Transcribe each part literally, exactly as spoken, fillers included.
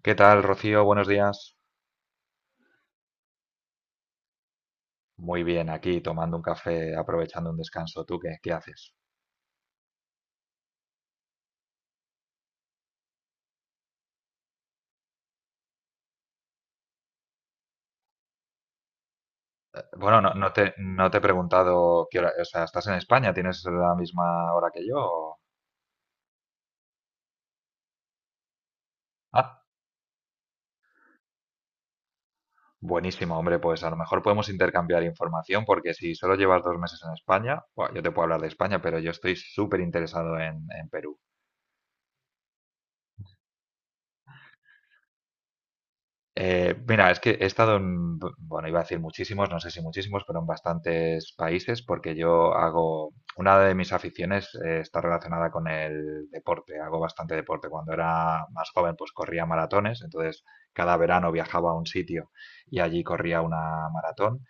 ¿Qué tal, Rocío? Buenos días. Muy bien, aquí tomando un café, aprovechando un descanso. ¿Tú qué, qué haces? Eh, Bueno, no, no te, no te he preguntado qué hora, o sea, ¿estás en España? ¿Tienes la misma hora que yo? O- Ah, buenísimo, hombre, pues a lo mejor podemos intercambiar información porque si solo llevas dos meses en España, buah, yo te puedo hablar de España, pero yo estoy súper interesado en, en Perú. Eh, mira, es que he estado en, bu- bueno, iba a decir muchísimos, no sé si muchísimos, pero en bastantes países, porque yo hago, una de mis aficiones, eh, está relacionada con el deporte, hago bastante deporte. Cuando era más joven, pues corría maratones, entonces cada verano viajaba a un sitio y allí corría una maratón.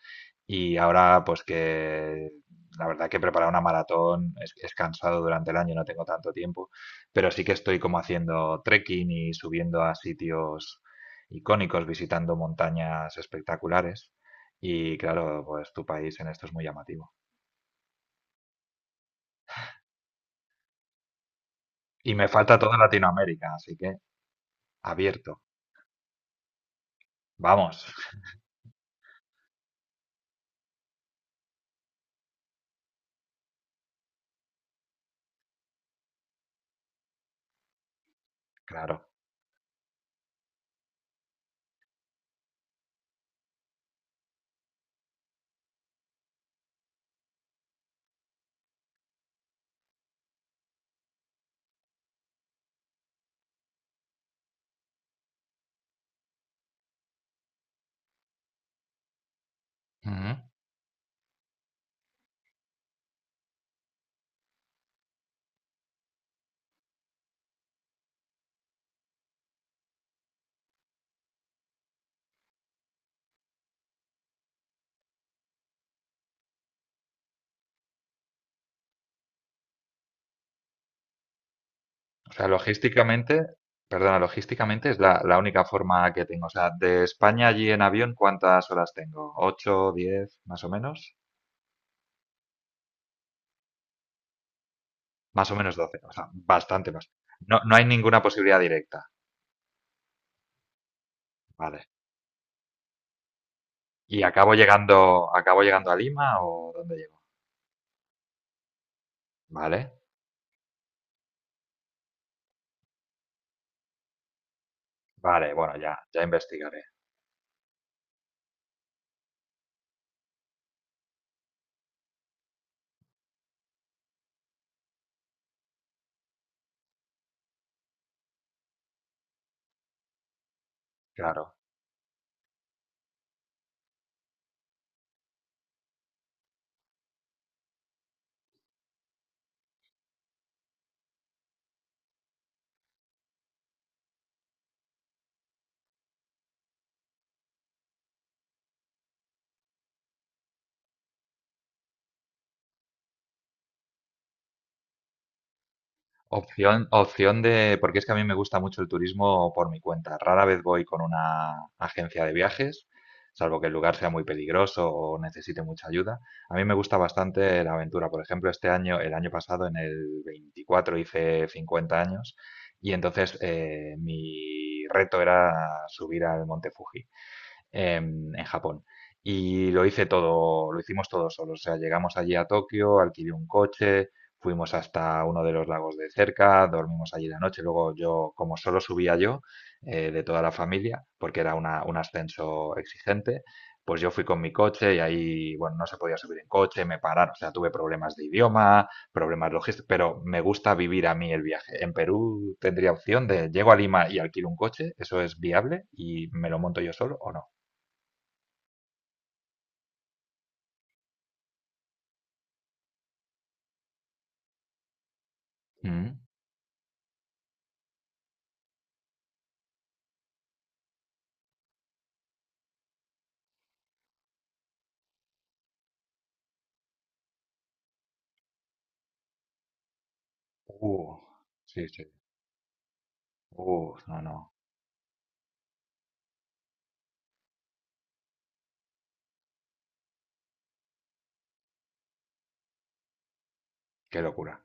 Y ahora, pues que la verdad que preparar una maratón es, es cansado durante el año, no tengo tanto tiempo, pero sí que estoy como haciendo trekking y subiendo a sitios icónicos, visitando montañas espectaculares. Y claro, pues tu país en esto es muy llamativo. Y me falta toda Latinoamérica, así que abierto. Vamos, claro. Ujú. O sea, logísticamente, perdona, logísticamente es la, la única forma que tengo. O sea, de España allí en avión, ¿cuántas horas tengo? ¿Ocho, diez más o menos? Más o menos doce, o sea, bastante más. No, no hay ninguna posibilidad directa, ¿vale? ¿Y acabo llegando, acabo llegando a Lima o dónde llego? ¿Vale? Vale, bueno, ya, ya investigaré, claro. Opción, opción de, porque es que a mí me gusta mucho el turismo por mi cuenta. Rara vez voy con una agencia de viajes, salvo que el lugar sea muy peligroso o necesite mucha ayuda. A mí me gusta bastante la aventura. Por ejemplo, este año, el año pasado, en el veinticuatro hice cincuenta años y entonces, eh, mi reto era subir al Monte Fuji. Em, en Japón. Y lo hice todo, lo hicimos todo solo. O sea, llegamos allí a Tokio, alquilé un coche, fuimos hasta uno de los lagos de cerca, dormimos allí la noche. Luego yo, como solo subía yo, eh, de toda la familia, porque era una- un ascenso exigente, pues yo fui con mi coche y ahí, bueno, no se podía subir en coche, me pararon. O sea, tuve problemas de idioma, problemas logísticos, pero me gusta vivir a mí el viaje. En Perú tendría opción de llego a Lima y alquilo un coche, ¿eso es viable y me lo monto yo solo o no? Mm. Uh, sí, sí. Uh, no, no. Qué locura.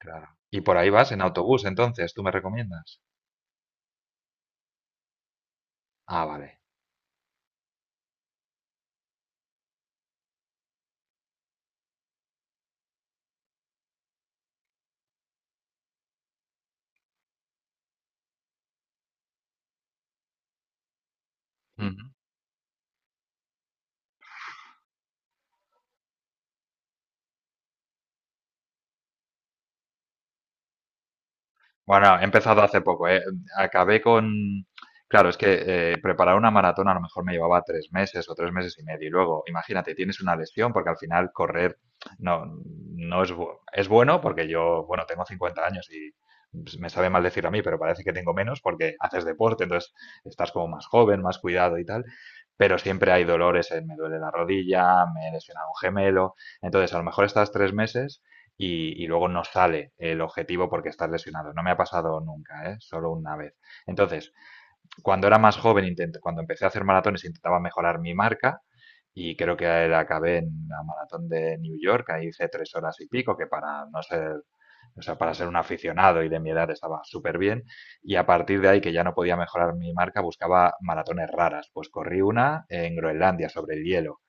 Claro. Y por ahí vas en autobús, entonces, ¿tú me recomiendas? Ah, vale. Bueno, he empezado hace poco, ¿eh? Acabé con... Claro, es que, eh, preparar una maratón a lo mejor me llevaba tres meses o tres meses y medio. Y luego, imagínate, tienes una lesión porque al final correr no, no es, bu- es bueno porque yo, bueno, tengo cincuenta años y pues, me sabe mal decir a mí, pero parece que tengo menos porque haces deporte, entonces estás como más joven, más cuidado y tal. Pero siempre hay dolores, eh, me duele la rodilla, me he lesionado un gemelo. Entonces, a lo mejor estás tres meses y, y luego no sale el objetivo porque estás lesionado. No me ha pasado nunca, ¿eh? Solo una vez. Entonces, cuando era más joven, intent- cuando empecé a hacer maratones, intentaba mejorar mi marca y creo que la acabé en la maratón de New York, ahí hice tres horas y pico, que para no ser, o sea, para ser un aficionado y de mi edad estaba súper bien. Y a partir de ahí, que ya no podía mejorar mi marca, buscaba maratones raras. Pues corrí una en Groenlandia sobre el hielo,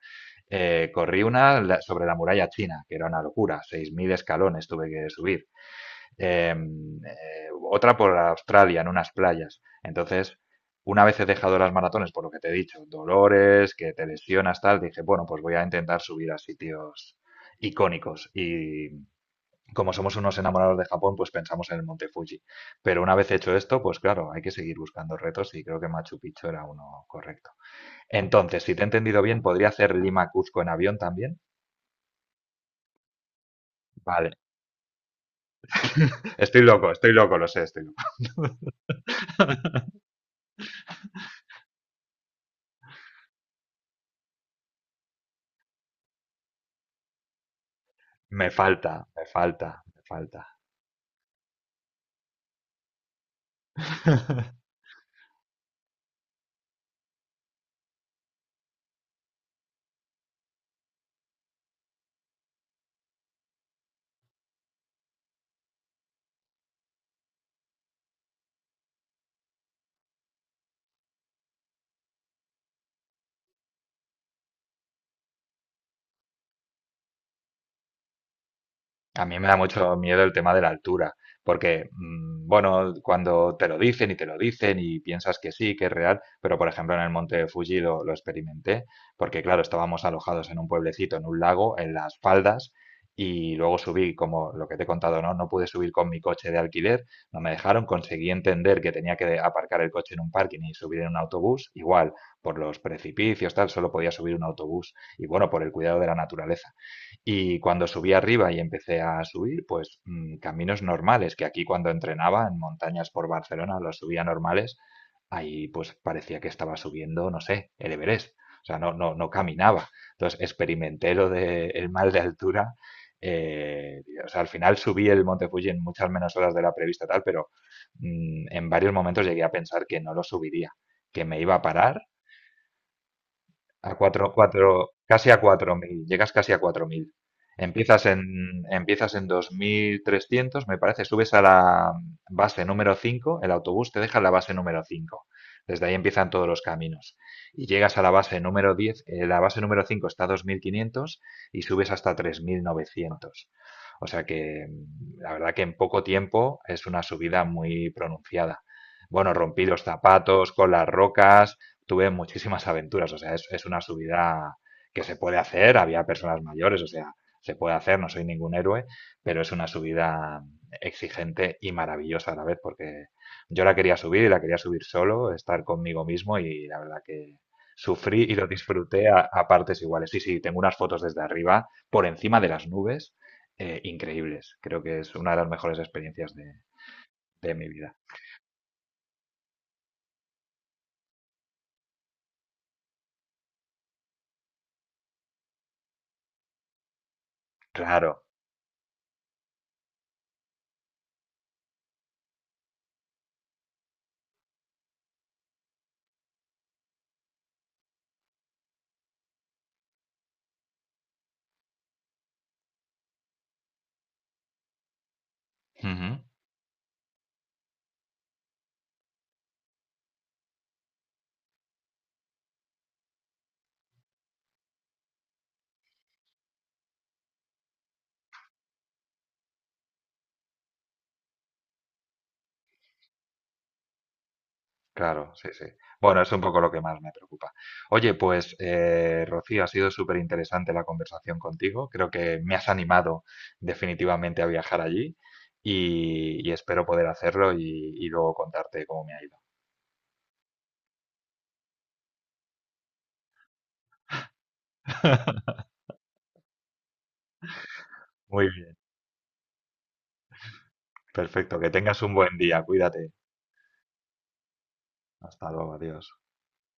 eh, corrí una la- sobre la muralla china, que era una locura, seis mil escalones tuve que subir. Eh, eh, otra por Australia, en unas playas. Entonces, una vez he dejado las maratones, por lo que te he dicho, dolores, que te lesionas, tal, dije, bueno, pues voy a intentar subir a sitios icónicos. Y como somos unos enamorados de Japón, pues pensamos en el Monte Fuji. Pero una vez hecho esto, pues claro, hay que seguir buscando retos y creo que Machu Picchu era uno correcto. Entonces, si te he entendido bien, podría hacer Lima-Cuzco en avión también. Vale. Estoy loco, estoy loco, lo sé, estoy loco. Me falta, me falta, me falta. A mí me da mucho miedo el tema de la altura, porque, mm, bueno, cuando te lo dicen y te lo dicen y piensas que sí, que es real, pero por ejemplo en el monte Fuji lo, lo experimenté, porque claro, estábamos alojados en un pueblecito, en un lago, en las faldas, y luego subí, como lo que te he contado, ¿no? No pude subir con mi coche de alquiler, no me dejaron, conseguí entender que tenía que aparcar el coche en un parking y subir en un autobús, igual, por los precipicios, tal, solo podía subir un autobús, y bueno, por el cuidado de la naturaleza. Y cuando subí arriba y empecé a subir, pues, mm, caminos normales, que aquí cuando entrenaba en montañas por Barcelona los subía normales, ahí pues parecía que estaba subiendo, no sé, el Everest. O sea, no, no, no caminaba. Entonces experimenté lo del mal de altura. Eh, o sea, al final subí el Monte Fuji en muchas menos horas de la prevista, tal, pero, mm, en varios momentos llegué a pensar que no lo subiría, que me iba a parar. a cuatro, cuatro, casi a cuatro mil, llegas casi a cuatro mil. Empiezas en, empiezas en dos mil trescientos me parece, subes a la base número cinco. El autobús te deja en la base número cinco. Desde ahí empiezan todos los caminos. Y llegas a la base número diez. Eh, la base número cinco está a dos mil quinientos y subes hasta tres mil novecientos. O sea que, mm, la verdad que en poco tiempo es una subida muy pronunciada. Bueno, rompí los zapatos con las rocas, tuve muchísimas aventuras, o sea, es, es una subida que se puede hacer, había personas mayores, o sea, se puede hacer, no soy ningún héroe, pero es una subida exigente y maravillosa a la vez, porque yo la quería subir y la quería subir solo, estar conmigo mismo y la verdad que sufrí y lo disfruté a, a partes iguales. Sí, sí, tengo unas fotos desde arriba, por encima de las nubes, eh, increíbles. Creo que es una de las mejores experiencias de, de mi vida. Claro. Ujú. Claro, sí, sí. Bueno, es un poco lo que más me preocupa. Oye, pues, eh, Rocío, ha sido súper interesante la conversación contigo. Creo que me has animado definitivamente a viajar allí y, y espero poder hacerlo y, y luego contarte cómo me ha ido. Muy bien, perfecto. Que tengas un buen día. Cuídate. Hasta luego, adiós.